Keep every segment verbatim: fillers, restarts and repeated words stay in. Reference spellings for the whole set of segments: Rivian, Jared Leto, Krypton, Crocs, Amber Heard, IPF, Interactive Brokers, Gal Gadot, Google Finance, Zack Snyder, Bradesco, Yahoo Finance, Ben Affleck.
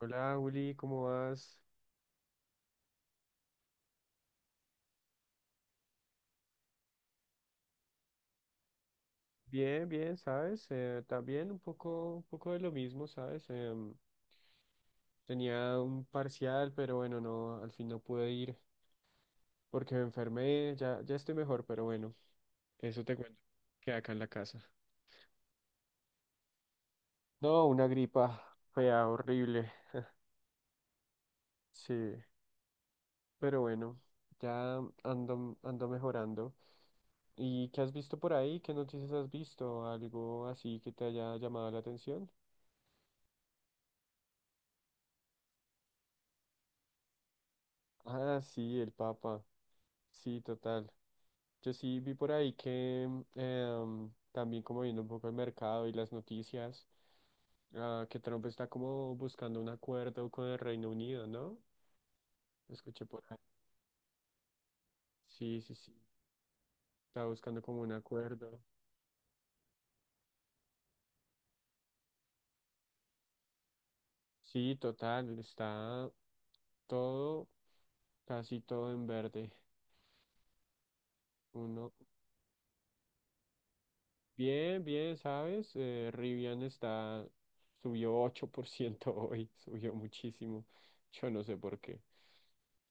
Hola, Juli, ¿cómo vas? Bien, bien, ¿sabes? Eh, también un poco, un poco de lo mismo, ¿sabes? Em, tenía un parcial, pero bueno, no, al fin no pude ir porque me enfermé, ya, ya estoy mejor, pero bueno, eso te cuento, que acá en la casa. No, una gripa fea, horrible, sí, pero bueno, ya ando, ando mejorando. ¿Y qué has visto por ahí? ¿Qué noticias has visto? ¿Algo así que te haya llamado la atención? Ah, sí, el Papa. Sí, total. Yo sí vi por ahí que mm, em, también como viendo un poco el mercado y las noticias, ah, que Trump está como buscando un acuerdo con el Reino Unido, ¿no? Escuché por ahí. Sí, sí, sí. Está buscando como un acuerdo. Sí, total. Está todo, casi todo en verde. Uno, bien, bien, ¿sabes? Eh, Rivian está, subió ocho por ciento hoy, subió muchísimo. Yo no sé por qué.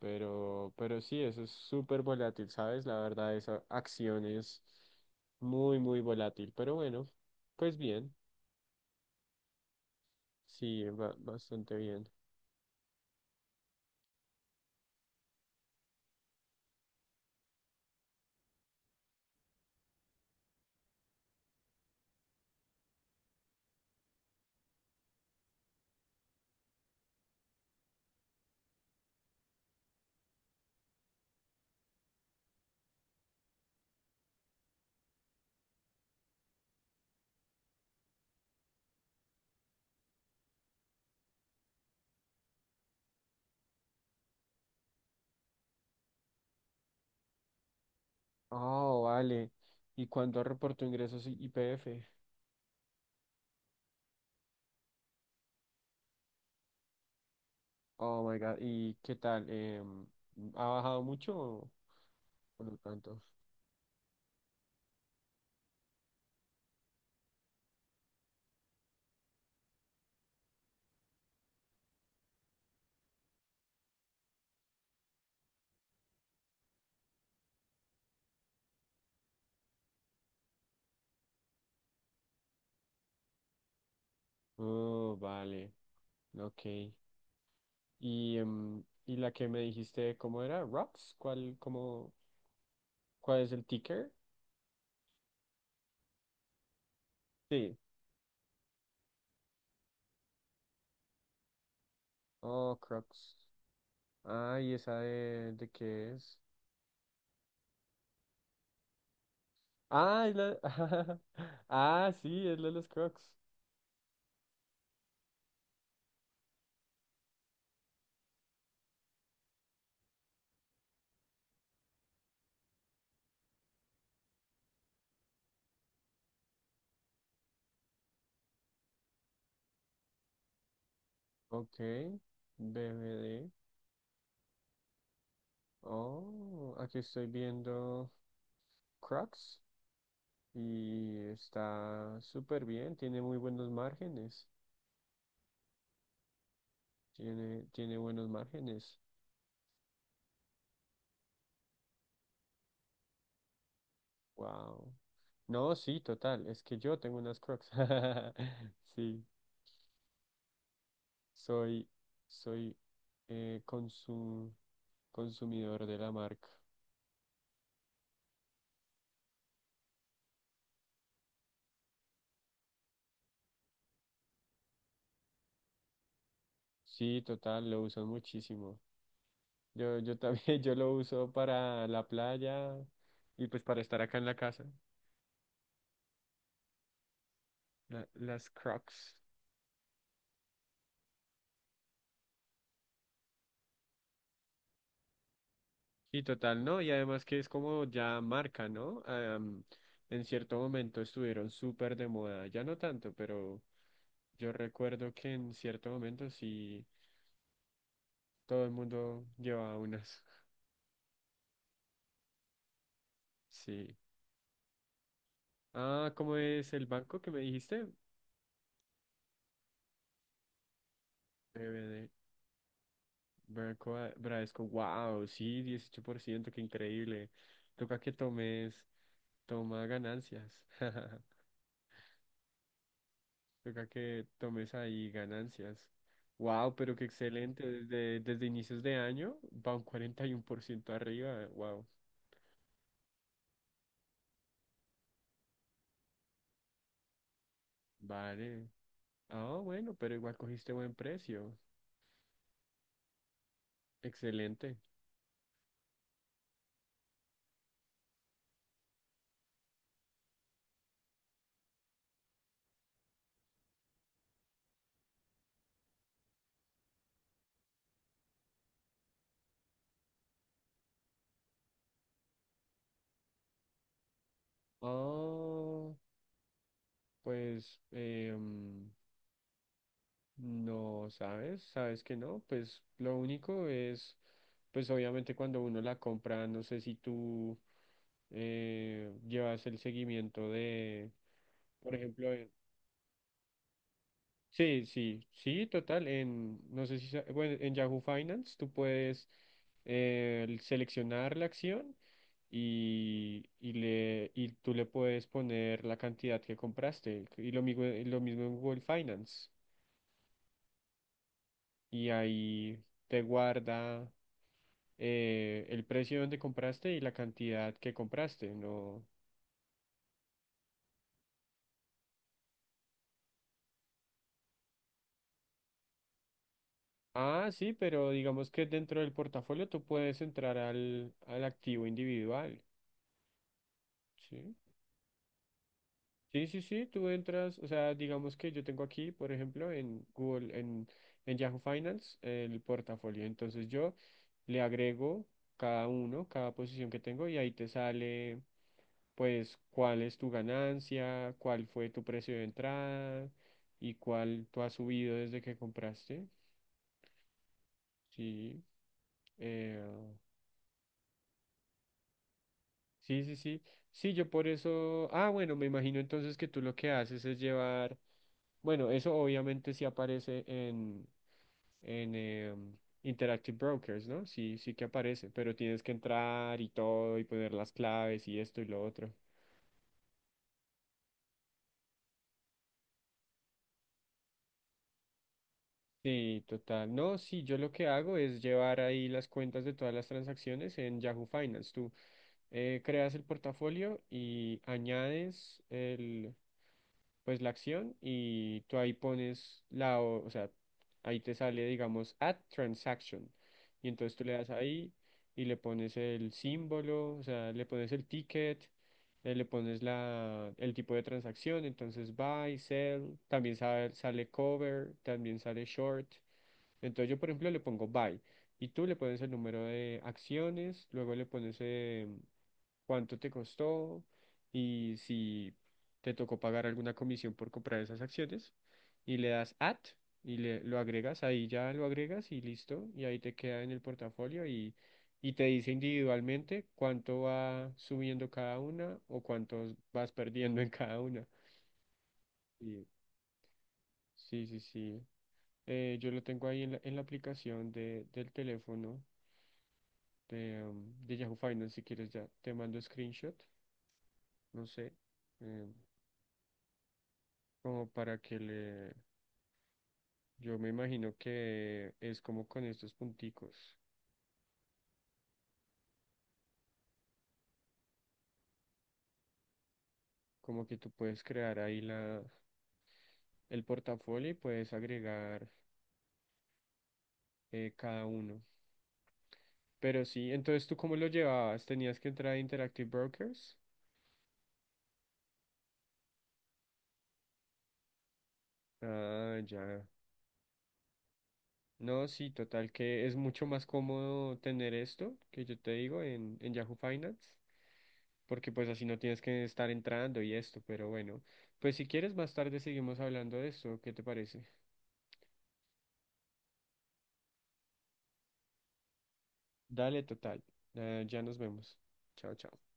Pero, pero sí, eso es súper volátil, ¿sabes? La verdad, esa acción es muy, muy volátil. Pero bueno, pues bien, sí, va bastante bien. Oh, vale. ¿Y cuánto reportó ingresos I- IPF? Oh my God. ¿Y qué tal? Em, ¿ha bajado mucho o o no tanto? Oh, vale. Ok. ¿Y, em, y la que me dijiste, cómo era? ¿Rocks? ¿Cuál, cómo, cuál es el ticker? Sí. Oh, Crocs. Ah, ¿y esa de, de qué es? Ah, es la. Ah, sí, es la de los Crocs. Ok, D V D. Oh, aquí estoy viendo Crocs y está súper bien, tiene muy buenos márgenes. Tiene, tiene buenos márgenes. Wow. No, sí, total, es que yo tengo unas Crocs. Sí, soy, soy eh, consum- consumidor de la marca. Sí, total, lo usan muchísimo. Yo, yo también, yo lo uso para la playa y pues para estar acá en la casa. la- las Crocs. Sí, total, ¿no? Y además que es como ya marca, ¿no? Am, en cierto momento estuvieron súper de moda, ya no tanto, pero yo recuerdo que en cierto momento sí, todo el mundo llevaba unas. Sí. Ah, ¿cómo es el banco que me dijiste? B B D. Branco, a- Bradesco, wow, sí, dieciocho por ciento, qué increíble. Toca que tomes, toma ganancias. Toca que tomes ahí ganancias. Wow, pero qué excelente. Desde, desde inicios de año va un cuarenta y uno por ciento arriba. Wow, vale. Ah, bueno, pero igual cogiste buen precio. Excelente. Oh, pues, em. No, ¿sabes? ¿Sabes que no? Pues lo único es, pues obviamente cuando uno la compra, no sé si tú eh, llevas el seguimiento de, por ejemplo, en- sí, sí, sí, total, en, no sé si, sa- bueno, en Yahoo Finance tú puedes eh, el seleccionar la acción y, y, le, y tú le puedes poner la cantidad que compraste. Y lo mismo, lo mismo en Google Finance. Y ahí te guarda. eh, el precio donde compraste y la cantidad que compraste, ¿no? Ah, sí, pero digamos que dentro del portafolio tú puedes entrar al, al activo individual, ¿sí? Sí, sí, sí, tú entras, o sea, digamos que yo tengo aquí, por ejemplo, en Google, en, en Yahoo Finance, el portafolio. Entonces yo le agrego cada uno, cada posición que tengo y ahí te sale. Pues cuál es tu ganancia, cuál fue tu precio de entrada y cuál tú has subido desde que compraste. Sí, eh, sí, sí, sí. Sí, yo por eso, ah, bueno, me imagino entonces que tú lo que haces es llevar, bueno, eso obviamente sí aparece en, en em, Interactive Brokers, ¿no? Sí, sí que aparece, pero tienes que entrar y todo y poner las claves y esto y lo otro. Sí, total. No, sí, yo lo que hago es llevar ahí las cuentas de todas las transacciones en Yahoo Finance. Tú eh, creas el portafolio y añades el, pues la acción y tú ahí pones la, o, o sea, ahí te sale, digamos, add transaction. Y entonces tú le das ahí y le pones el símbolo, o sea, le pones el ticket, eh, le pones la, el tipo de transacción, entonces buy, sell, también sa- sale cover, también sale short. Entonces yo, por ejemplo, le pongo buy y tú le pones el número de acciones, luego le pones eh, cuánto te costó y si te tocó pagar alguna comisión por comprar esas acciones y le das add y le, lo agregas, ahí ya lo agregas y listo y ahí te queda en el portafolio y, y te dice individualmente cuánto va subiendo cada una o cuánto vas perdiendo en cada una. Y Sí, sí, sí. Eh, yo lo tengo ahí en la, en la aplicación de, del teléfono. de, um, de Yahoo Finance, si quieres ya te mando screenshot, no sé, eh, como para que le, yo me imagino que es como con estos punticos, como que tú puedes crear ahí la, el portafolio y puedes agregar eh, cada uno. Pero sí, entonces tú cómo lo llevabas, tenías que entrar a Interactive Brokers. Ah, ya. No, sí, total, que es mucho más cómodo tener esto que yo te digo en, en Yahoo Finance. Porque pues así no tienes que estar entrando y esto, pero bueno, pues si quieres más tarde seguimos hablando de esto, ¿qué te parece? Dale, total, eh, ya nos vemos. Chao, chao.